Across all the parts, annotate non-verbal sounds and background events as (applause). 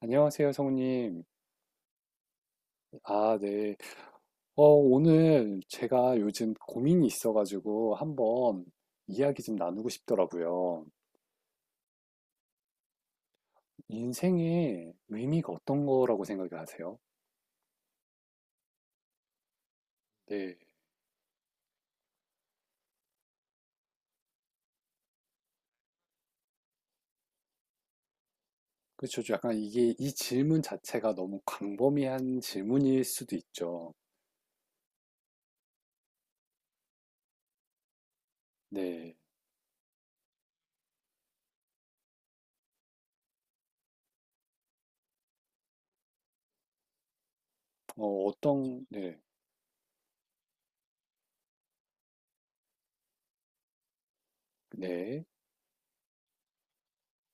안녕하세요, 성우님. 아, 네. 오늘 제가 요즘 고민이 있어가지고 한번 이야기 좀 나누고 싶더라고요. 인생의 의미가 어떤 거라고 생각하세요? 네. 그렇죠. 약간 이게 이 질문 자체가 너무 광범위한 질문일 수도 있죠. 네. 어떤, 네. 네.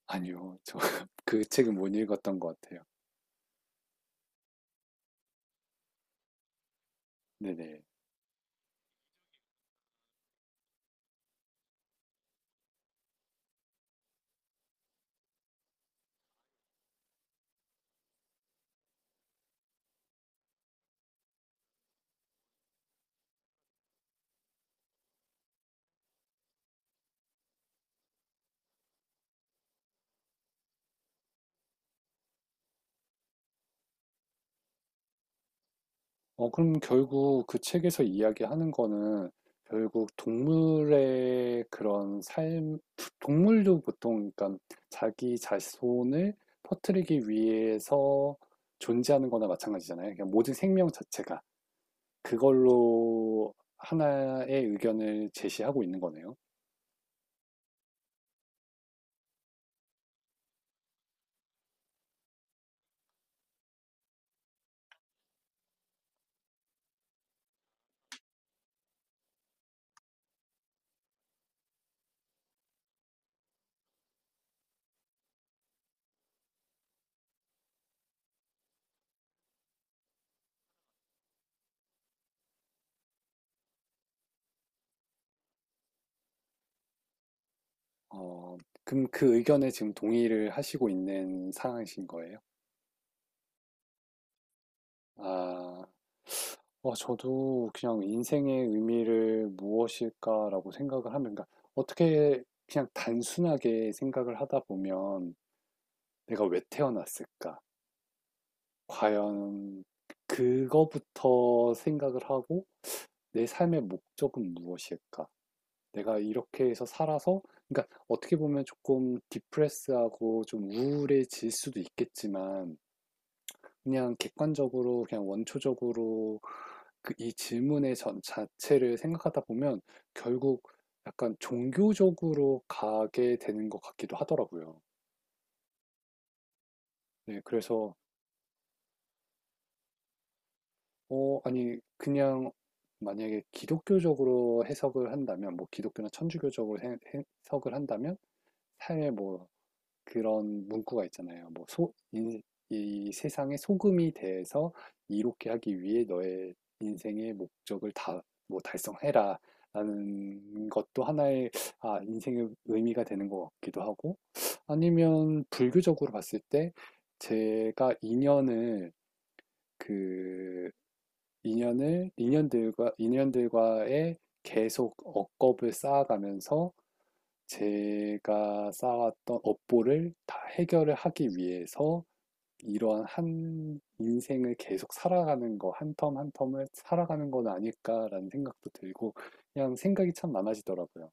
아니요. 저 그 (laughs) 책은 못 읽었던 것 같아요. 네네. 그럼 결국 그 책에서 이야기하는 거는 결국 동물의 그런 삶, 동물도 보통 그러니까 자기 자손을 퍼뜨리기 위해서 존재하는 거나 마찬가지잖아요. 그러니까 모든 생명 자체가 그걸로 하나의 의견을 제시하고 있는 거네요. 어, 그럼 그 의견에 지금 동의를 하시고 있는 상황이신 거예요? 아, 저도 그냥 인생의 의미를 무엇일까라고 생각을 하면, 그러니까 어떻게 그냥 단순하게 생각을 하다 보면 내가 왜 태어났을까? 과연 그거부터 생각을 하고 내 삶의 목적은 무엇일까? 내가 이렇게 해서 살아서, 그러니까 어떻게 보면 조금 디프레스하고 좀 우울해질 수도 있겠지만, 그냥 객관적으로, 그냥 원초적으로 그 이 질문의 전 자체를 생각하다 보면 결국 약간 종교적으로 가게 되는 것 같기도 하더라고요. 네, 그래서, 아니, 그냥 만약에 기독교적으로 해석을 한다면, 뭐 기독교나 천주교적으로 해, 석을 한다면, 삶의 뭐 그런 문구가 있잖아요. 뭐 소, 인, 이 세상의 소금이 돼서 이롭게 하기 위해 너의 인생의 목적을 다, 뭐 달성해라. 라는 것도 하나의, 아, 인생의 의미가 되는 것 같기도 하고, 아니면 불교적으로 봤을 때, 제가 인연을, 그, 인연들과의 계속 억겁을 쌓아가면서 제가 쌓았던 업보를 다 해결을 하기 위해서 이러한 한 인생을 계속 살아가는 거, 한 텀 한 텀을 살아가는 건 아닐까라는 생각도 들고, 그냥 생각이 참 많아지더라고요.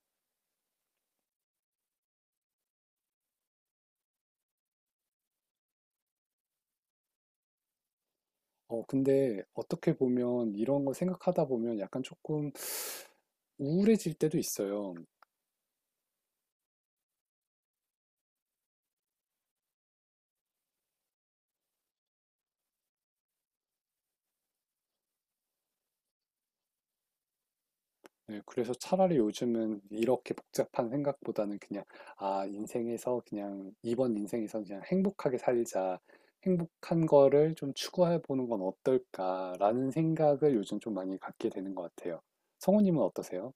근데 어떻게 보면 이런 거 생각하다 보면 약간 조금 우울해질 때도 있어요. 네, 그래서 차라리 요즘은 이렇게 복잡한 생각보다는 그냥, 아, 인생에서 그냥, 이번 인생에서 그냥 행복하게 살자. 행복한 거를 좀 추구해 보는 건 어떨까라는 생각을 요즘 좀 많이 갖게 되는 것 같아요. 성우님은 어떠세요?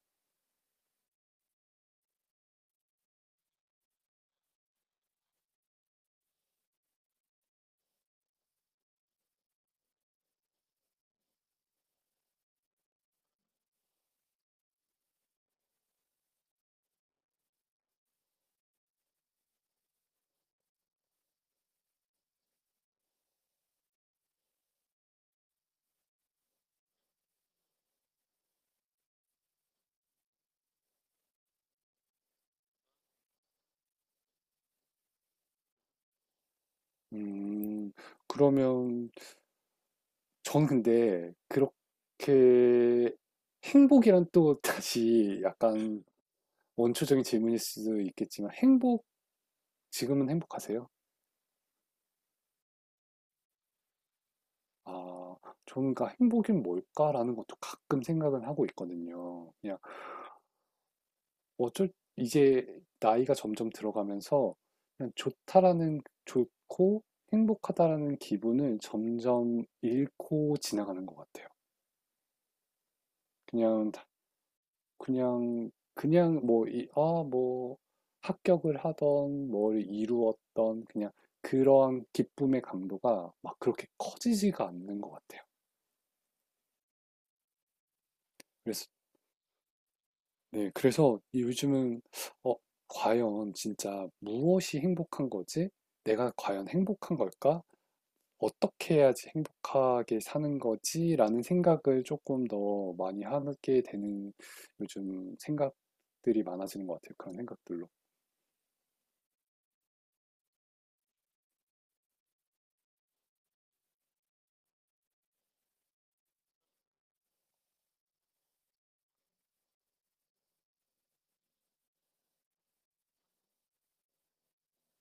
음, 그러면, 전 근데 그렇게 행복이란 또 다시 약간 원초적인 질문일 수도 있겠지만, 행복, 지금은 행복하세요? 아, 저는 그러니까 '행복이 뭘까?'라는 것도 가끔 생각은 하고 있거든요. 그냥 어쩔 이제 나이가 점점 들어가면서 그냥 좋다라는 좋고 행복하다라는 기분을 점점 잃고 지나가는 것 같아요. 그냥 다 그냥 뭐 이 아 뭐 합격을 하던 뭘 이루었던 그냥 그러한 기쁨의 강도가 막 그렇게 커지지가 않는 것 같아요. 그래서 네, 그래서 요즘은 어, 과연 진짜 무엇이 행복한 거지? 내가 과연 행복한 걸까? 어떻게 해야지 행복하게 사는 거지? 라는 생각을 조금 더 많이 하게 되는 요즘 생각들이 많아지는 것 같아요. 그런 생각들로.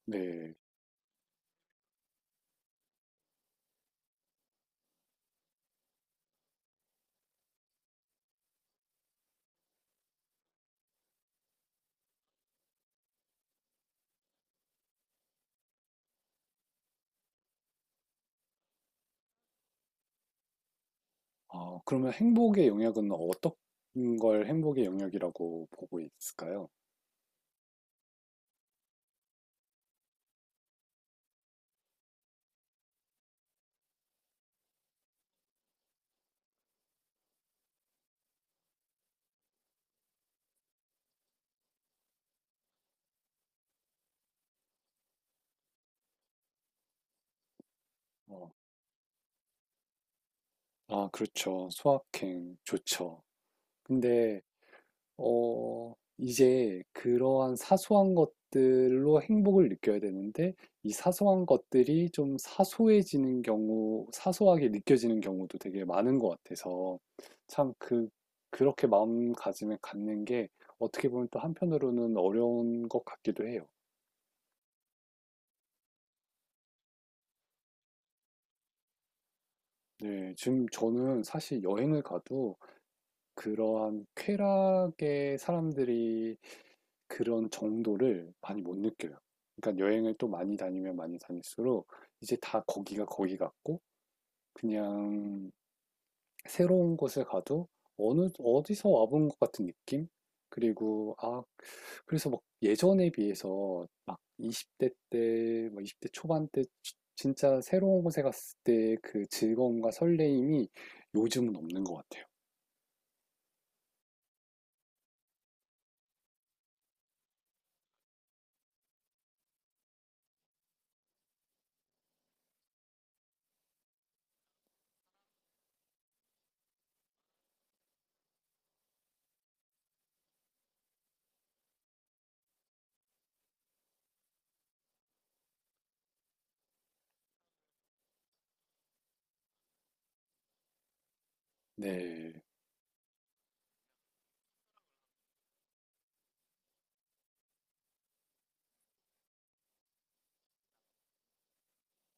네. 아, 그러면 행복의 영역은 어떤 걸 행복의 영역이라고 보고 있을까요? 어, 아, 그렇죠. 소확행 좋죠. 근데 이제 그러한 사소한 것들로 행복을 느껴야 되는데, 이 사소한 것들이 좀 사소해지는 경우, 사소하게 느껴지는 경우도 되게 많은 것 같아서, 참 그, 그렇게 마음가짐을 갖는 게 어떻게 보면 또 한편으로는 어려운 것 같기도 해요. 네, 지금 저는 사실 여행을 가도 그러한 쾌락에 사람들이 그런 정도를 많이 못 느껴요. 그러니까 여행을 또 많이 다니면 많이 다닐수록 이제 다 거기가 거기 같고 그냥 새로운 곳에 가도 어느 어디서 와본 것 같은 느낌? 그리고 아 그래서 막 예전에 비해서 막 20대 때, 막 20대 초반 때 지- 진짜 새로운 곳에 갔을 때 그 즐거움과 설레임이 요즘은 없는 것 같아요. 네.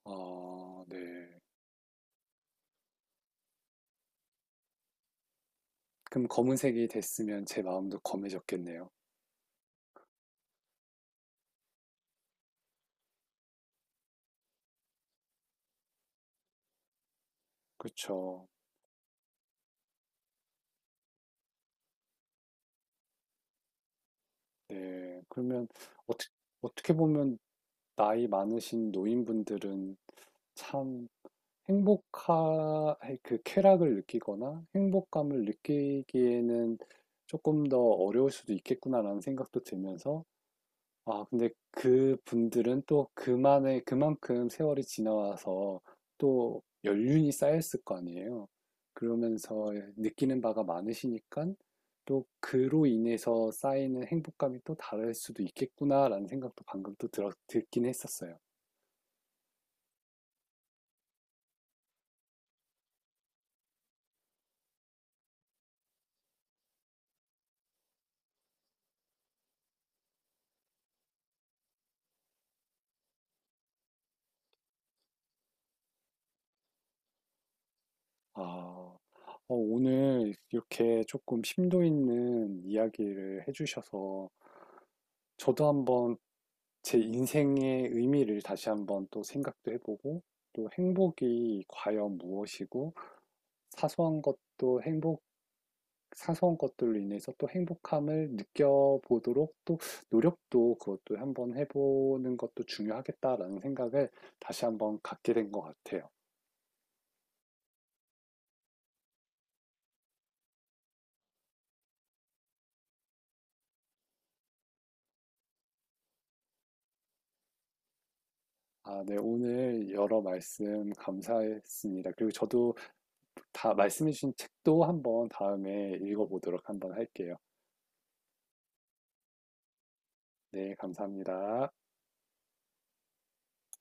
아, 네. 그럼 검은색이 됐으면 제 마음도 검해졌겠네요. 그죠 네. 그러면 어떻 어떻게 보면 나이 많으신 노인분들은 참 행복하 그 쾌락을 느끼거나 행복감을 느끼기에는 '조금 더 어려울 수도 있겠구나.'라는 생각도 들면서 아, 근데 그 분들은 또 그만의, 그만큼 세월이 지나와서 또 연륜이 쌓였을 거 아니에요. 그러면서 예, 느끼는 바가 많으시니까 또 그로 인해서 쌓이는 행복감이 또 다를 수도 있겠구나라는 생각도 방금 또 들었, 듣긴 했었어요. 아, 어, 오늘 이렇게 조금 심도 있는 이야기를 해주셔서 저도 한번 제 인생의 의미를 다시 한번 또 생각도 해보고, 또 행복이 과연 무엇이고, 사소한 것도 행복, 사소한 것들로 인해서 또 행복함을 느껴보도록 또 노력도 그것도 한번 해보는 것도 중요하겠다라는 생각을 다시 한번 갖게 된 것 같아요. 아, 네. 오늘 여러 말씀 감사했습니다. 그리고 저도 다 말씀해주신 책도 한번 다음에 읽어보도록 한번 할게요. 네, 감사합니다.